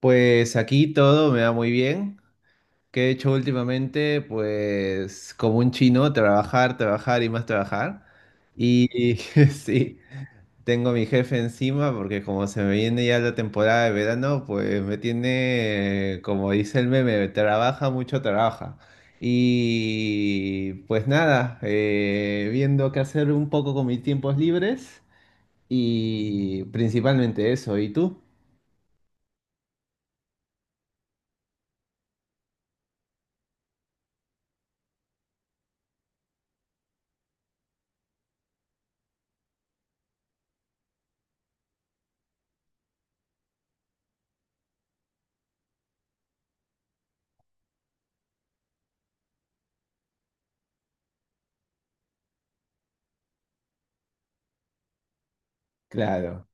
Pues aquí todo me va muy bien. ¿Qué he hecho últimamente? Pues como un chino, trabajar, trabajar y más trabajar. Y sí, tengo a mi jefe encima porque como se me viene ya la temporada de verano, pues me tiene, como dice el meme, trabaja mucho, trabaja. Y pues nada, viendo qué hacer un poco con mis tiempos libres y principalmente eso. ¿Y tú? Claro.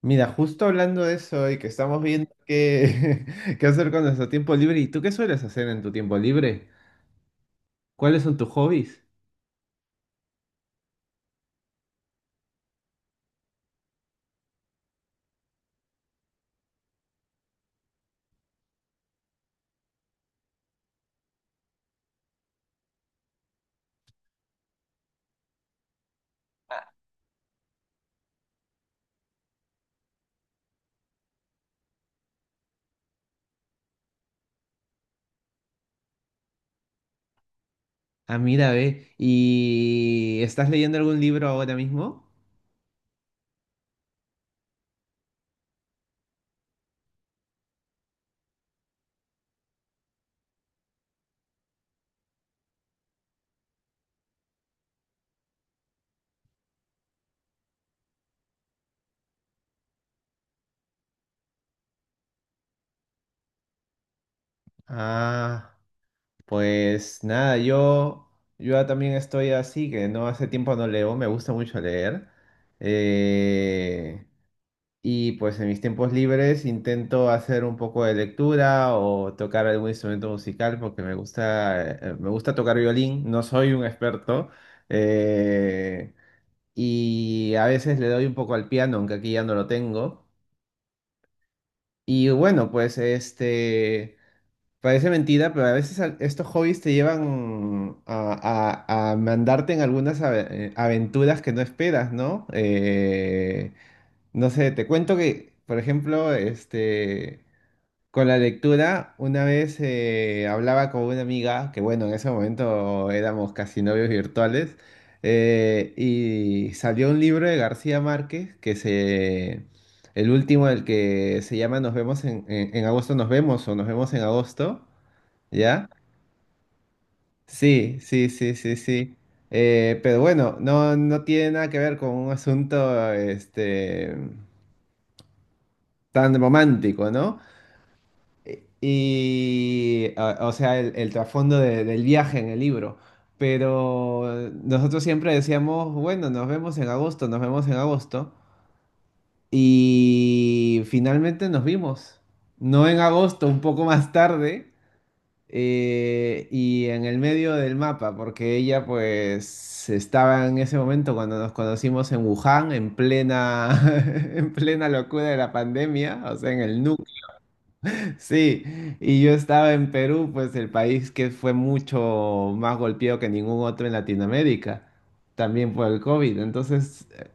Mira, justo hablando de eso y que estamos viendo qué, qué hacer con nuestro tiempo libre, ¿y tú qué sueles hacer en tu tiempo libre? ¿Cuáles son tus hobbies? Ah, mira, ve, ¿y estás leyendo algún libro ahora mismo? Ah, pues nada, yo también estoy así, que no hace tiempo no leo, me gusta mucho leer. Eh, Y pues en mis tiempos libres intento hacer un poco de lectura o tocar algún instrumento musical porque me gusta tocar violín, no soy un experto. eh, y a veces le doy un poco al piano, aunque aquí ya no lo tengo. Y bueno, parece mentira, pero a veces estos hobbies te llevan a mandarte en algunas aventuras que no esperas, ¿no? No sé, te cuento que, por ejemplo, con la lectura, una vez hablaba con una amiga, que bueno, en ese momento éramos casi novios virtuales, y salió un libro de García Márquez, el último, el que se llama Nos vemos en, en agosto, nos vemos o nos vemos en agosto, ¿ya? Sí, sí, sí, sí, sí. Pero bueno, no, no tiene nada que ver con un asunto, tan romántico, ¿no? Y, o sea, el trasfondo del viaje en el libro. Pero nosotros siempre decíamos, bueno, nos vemos en agosto, nos vemos en agosto. Y finalmente nos vimos. No en agosto, un poco más tarde. Y en el medio del mapa, porque ella pues estaba en ese momento cuando nos conocimos en Wuhan, en plena, en plena locura de la pandemia, o sea, en el sí, y yo estaba en Perú, pues el país que fue mucho más golpeado que ningún otro en Latinoamérica, también por el COVID. Entonces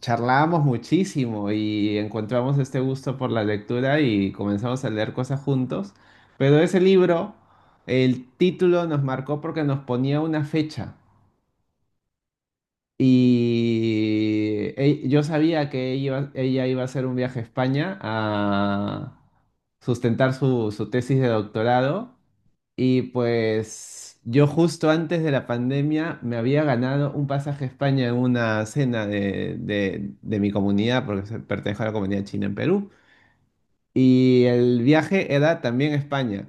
charlábamos muchísimo y encontramos este gusto por la lectura y comenzamos a leer cosas juntos. Pero ese libro, el título nos marcó porque nos ponía una fecha. Y yo sabía que ella iba a hacer un viaje a España a sustentar su, su tesis de doctorado. Y pues yo justo antes de la pandemia me había ganado un pasaje a España en una cena de mi comunidad, pertenezco a la comunidad china en Perú. Y el viaje era también a España.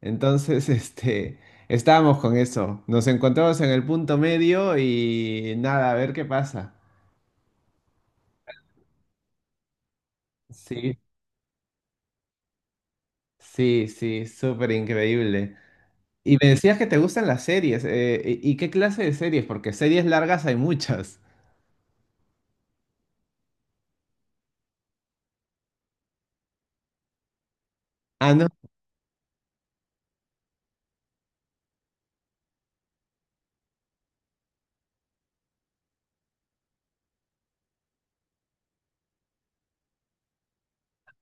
Entonces, este... Estábamos con eso. Nos encontramos en el punto medio y nada, a ver qué pasa. Sí, sí, sí, súper increíble. Y me decías que te gustan las series. ¿Y qué clase de series? Porque series largas hay muchas. Ah, no.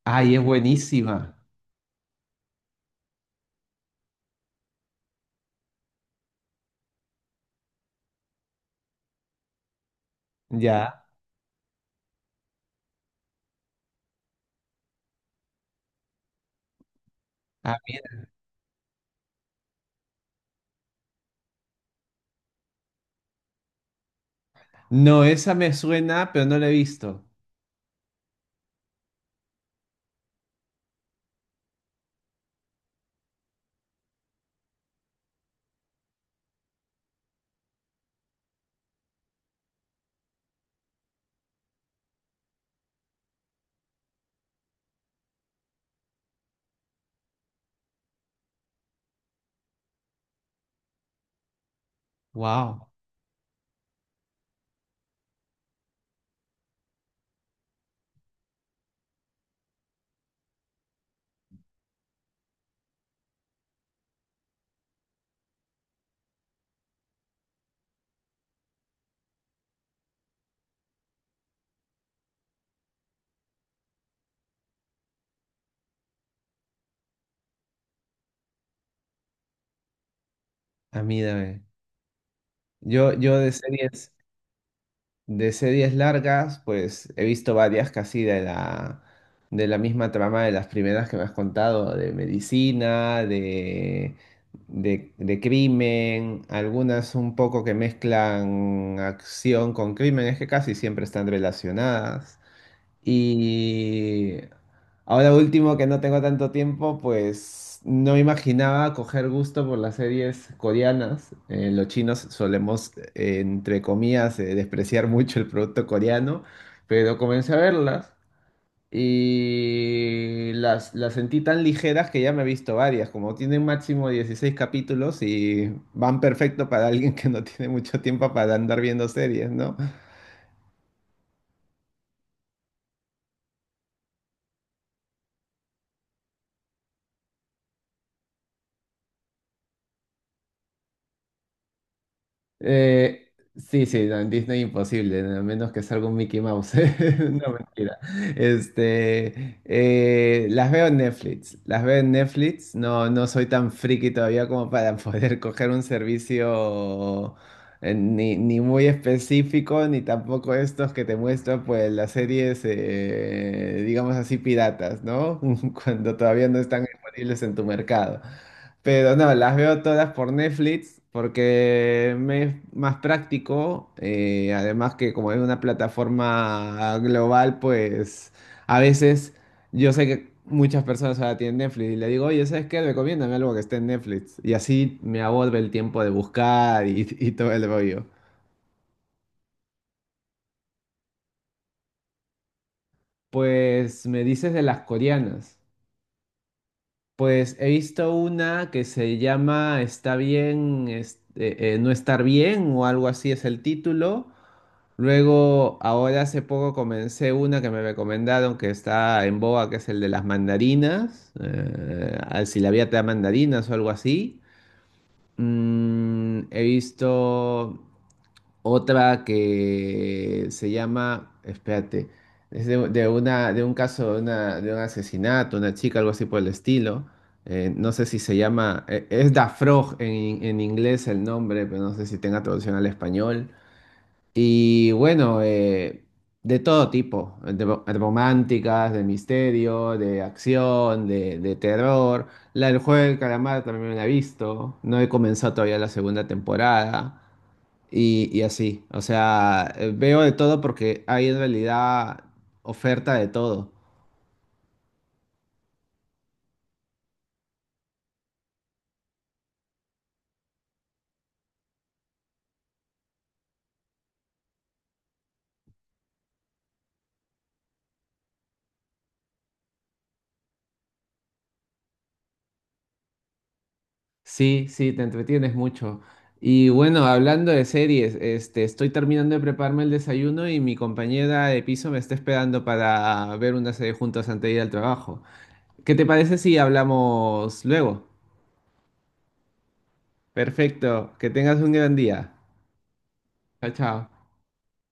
Ay, es buenísima. Ya. Ah, mira. No, esa me suena, pero no la he visto. Wow. A mí dame. Yo de series. De series largas, pues he visto varias casi de la misma trama de las primeras que me has contado, de medicina, de crimen, algunas un poco que mezclan acción con crimen, es que casi siempre están relacionadas. Y ahora último, que no tengo tanto tiempo, pues no me imaginaba coger gusto por las series coreanas. Los chinos solemos, entre comillas, despreciar mucho el producto coreano, pero comencé a verlas y las sentí tan ligeras que ya me he visto varias. Como tienen máximo 16 capítulos y van perfecto para alguien que no tiene mucho tiempo para andar viendo series, ¿no? Sí, sí, no, en Disney imposible, a menos que salga un Mickey Mouse. No, mentira. Las veo en Netflix, las veo en Netflix. No, no soy tan friki todavía como para poder coger un servicio ni, ni muy específico, ni tampoco estos que te muestran pues las series, digamos así, piratas, ¿no? Cuando todavía no están disponibles en tu mercado. Pero no, las veo todas por Netflix porque me es más práctico. Además que como es una plataforma global, pues a veces yo sé que muchas personas ahora tienen Netflix y le digo, oye, ¿sabes qué? Recomiéndame algo que esté en Netflix. Y así me ahorro el tiempo de buscar y, y todo el rollo. Pues me dices de las coreanas. Pues he visto una que se llama Está bien, no estar bien o algo así es el título. Luego, ahora hace poco comencé una que me recomendaron que está en boga, que es el de las mandarinas, al si la vida te da mandarinas o algo así. Mm, he visto otra que se llama, espérate, es de una, de un caso, de, de un asesinato, una chica, algo así por el estilo. No sé si se llama, es Da Frog en inglés el nombre, pero no sé si tenga traducción al español. Y bueno, de todo tipo, de románticas, de misterio, de acción, de terror. La del juego del calamar también la he visto. No he comenzado todavía la segunda temporada. Y así, o sea, veo de todo porque hay en realidad oferta de todo. Sí, sí, te entretienes mucho. Y bueno, hablando de series, estoy terminando de prepararme el desayuno y mi compañera de piso me está esperando para ver una serie juntos antes de ir al trabajo. ¿Qué te parece si hablamos luego? Perfecto, que tengas un gran día. Chao, chao.